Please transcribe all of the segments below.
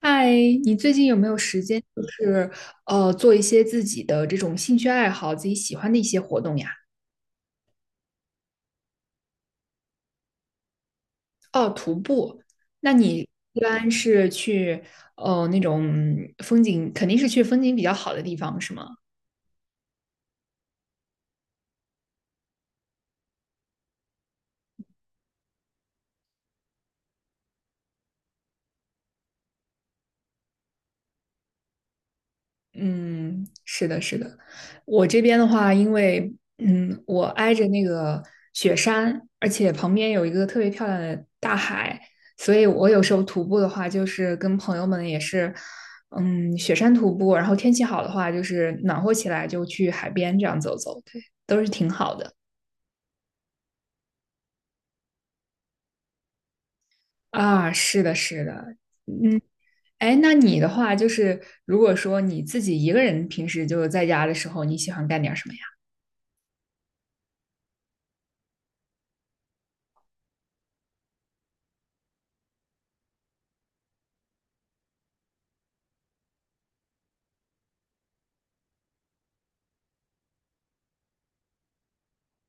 嗨，你最近有没有时间，就是做一些自己的这种兴趣爱好，自己喜欢的一些活动呀？哦，徒步。那你一般是去那种风景，肯定是去风景比较好的地方，是吗？嗯，是的，是的。我这边的话，因为嗯，我挨着那个雪山，而且旁边有一个特别漂亮的大海，所以我有时候徒步的话，就是跟朋友们也是，嗯，雪山徒步，然后天气好的话，就是暖和起来就去海边这样走走，对，都是挺好的。啊，是的，是的。哎，那你的话，就是如果说你自己一个人平时就在家的时候，你喜欢干点什么呀？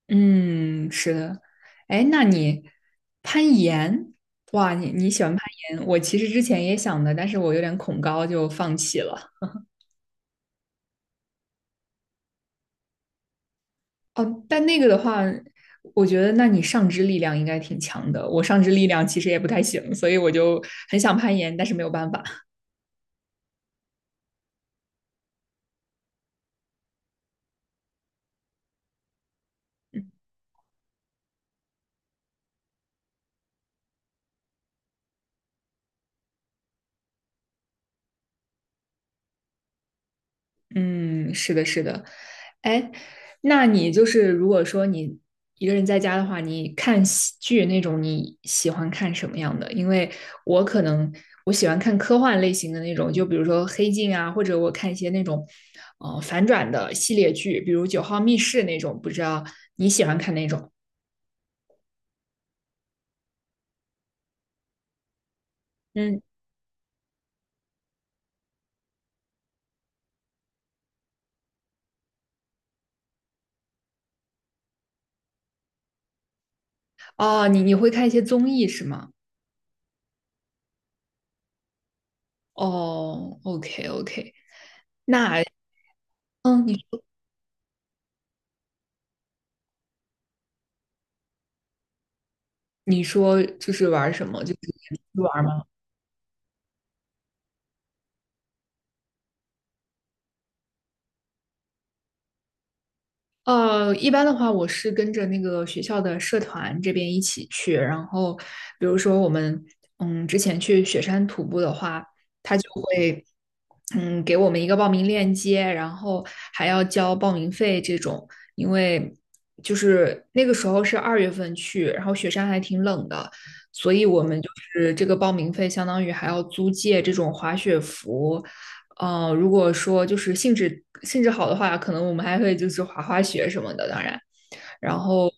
嗯，是的。哎，那你攀岩，哇，你喜欢攀岩？我其实之前也想的，但是我有点恐高，就放弃了。哦，但那个的话，我觉得那你上肢力量应该挺强的。我上肢力量其实也不太行，所以我就很想攀岩，但是没有办法。嗯，是的，是的。哎，那你就是如果说你一个人在家的话，你看喜剧那种，你喜欢看什么样的？因为我可能我喜欢看科幻类型的那种，就比如说《黑镜》啊，或者我看一些那种反转的系列剧，比如《九号密室》那种，不知道你喜欢看哪种？嗯，哦，你会看一些综艺是吗？哦，OK OK，那嗯，你你说就是玩什么？就是玩吗？一般的话，我是跟着那个学校的社团这边一起去。然后，比如说我们，嗯，之前去雪山徒步的话，他就会，嗯，给我们一个报名链接，然后还要交报名费这种。因为就是那个时候是2月份去，然后雪山还挺冷的，所以我们就是这个报名费相当于还要租借这种滑雪服。呃，如果说就是兴致好的话，可能我们还会就是滑滑雪什么的，当然，然后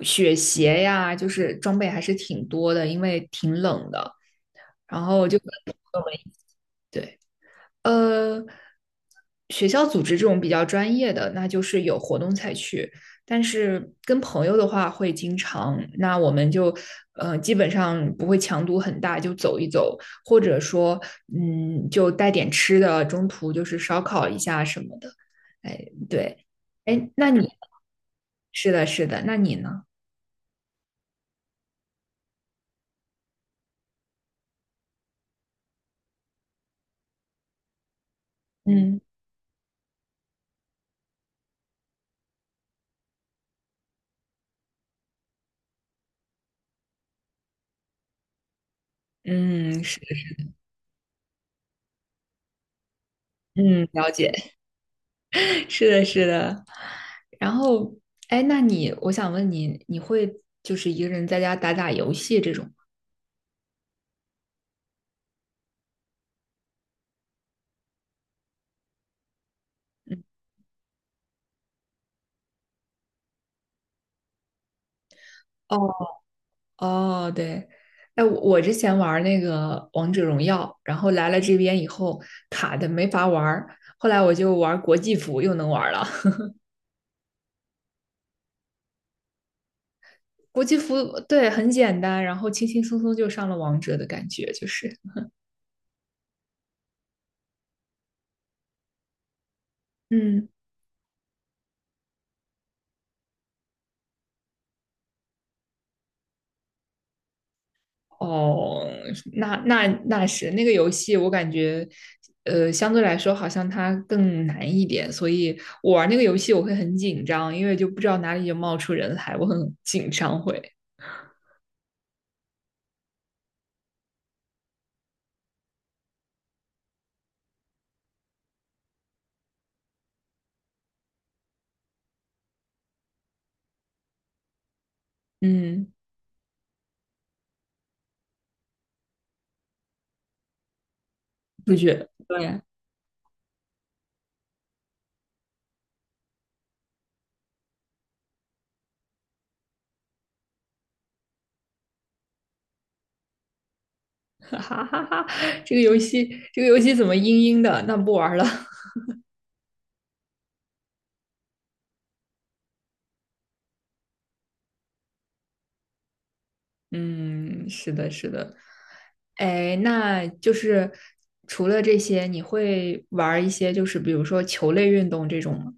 雪鞋呀，就是装备还是挺多的，因为挺冷的。然后就跟朋友们对，呃，学校组织这种比较专业的，那就是有活动才去。但是跟朋友的话会经常，那我们就基本上不会强度很大，就走一走，或者说嗯就带点吃的，中途就是烧烤一下什么的。哎，对，哎，那你是的，是的，那你呢？嗯嗯是，嗯了解，是的，是的。然后，哎，那你，我想问你，你会就是一个人在家打打游戏这种嗯，哦哦，对，哎，我之前玩那个王者荣耀，然后来了这边以后卡的没法玩儿，后来我就玩国际服又能玩儿了。国际服对很简单，然后轻轻松松就上了王者的感觉，就是嗯。哦，那是那个游戏，我感觉，呃，相对来说好像它更难一点，所以我玩那个游戏我会很紧张，因为就不知道哪里就冒出人来，我很紧张会，嗯，不觉对，哈哈哈哈，这个游戏怎么阴阴的？那不玩了，嗯，是的，是的，哎，那就是除了这些，你会玩一些就是比如说球类运动这种吗？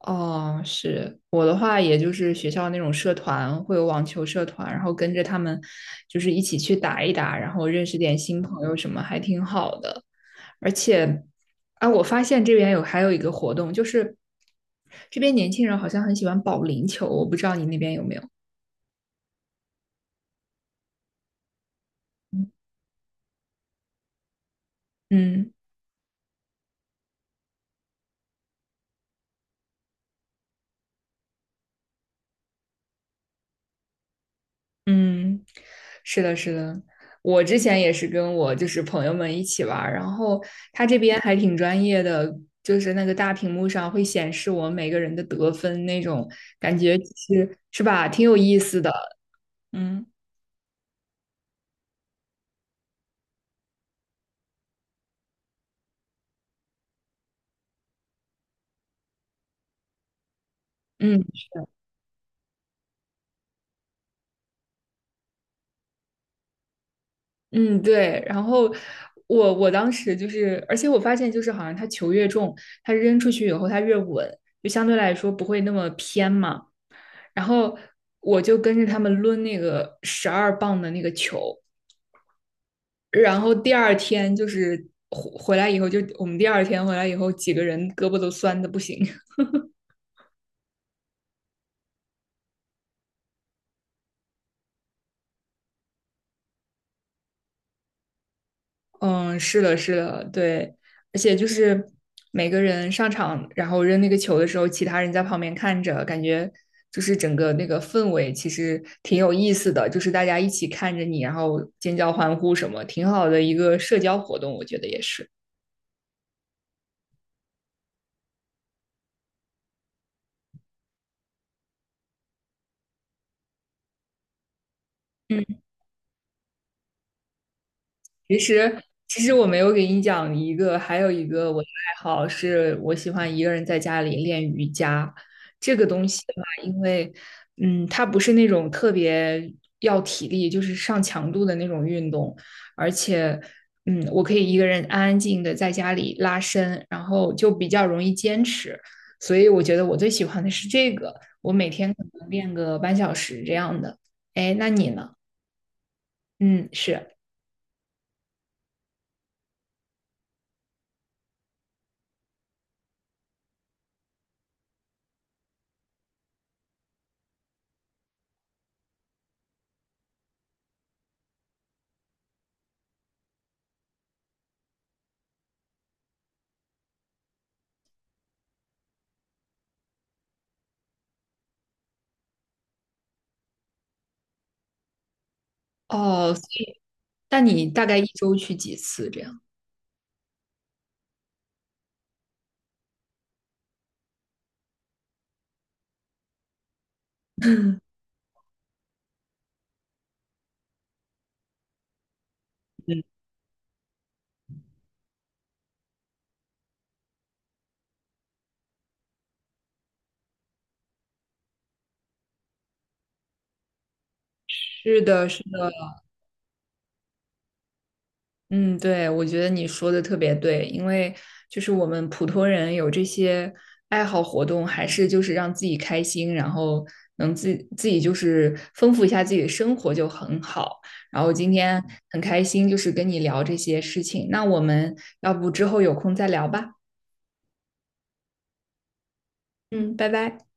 哦，是我的话，也就是学校那种社团，会有网球社团，然后跟着他们就是一起去打一打，然后认识点新朋友什么，还挺好的。而且，啊，我发现这边有还有一个活动，就是这边年轻人好像很喜欢保龄球，我不知道你那边有没有？嗯。嗯，是的，是的，我之前也是跟我就是朋友们一起玩儿，然后他这边还挺专业的，就是那个大屏幕上会显示我们每个人的得分那种感觉是是吧，挺有意思的，嗯嗯嗯，对。然后我我当时就是，而且我发现就是好像他球越重，他扔出去以后他越稳，就相对来说不会那么偏嘛。然后我就跟着他们抡那个12磅的那个球。然后第二天就是回来以后，就我们第二天回来以后，几个人胳膊都酸的不行。嗯，是的，是的，对，而且就是每个人上场，然后扔那个球的时候，其他人在旁边看着，感觉就是整个那个氛围其实挺有意思的，就是大家一起看着你，然后尖叫欢呼什么，挺好的一个社交活动，我觉得也是。嗯其实，其实我没有给你讲一个，还有一个我的爱好是，我喜欢一个人在家里练瑜伽。这个东西的话，因为，嗯，它不是那种特别要体力，就是上强度的那种运动，而且，嗯，我可以一个人安安静静的在家里拉伸，然后就比较容易坚持。所以我觉得我最喜欢的是这个，我每天可能练个半小时这样的。哎，那你呢？嗯，是。哦，所以但你大概一周去几次这样？是的，是的，嗯，对，我觉得你说的特别对，因为就是我们普通人有这些爱好活动，还是就是让自己开心，然后能自己就是丰富一下自己的生活就很好。然后今天很开心，就是跟你聊这些事情。那我们要不之后有空再聊吧？嗯，拜拜。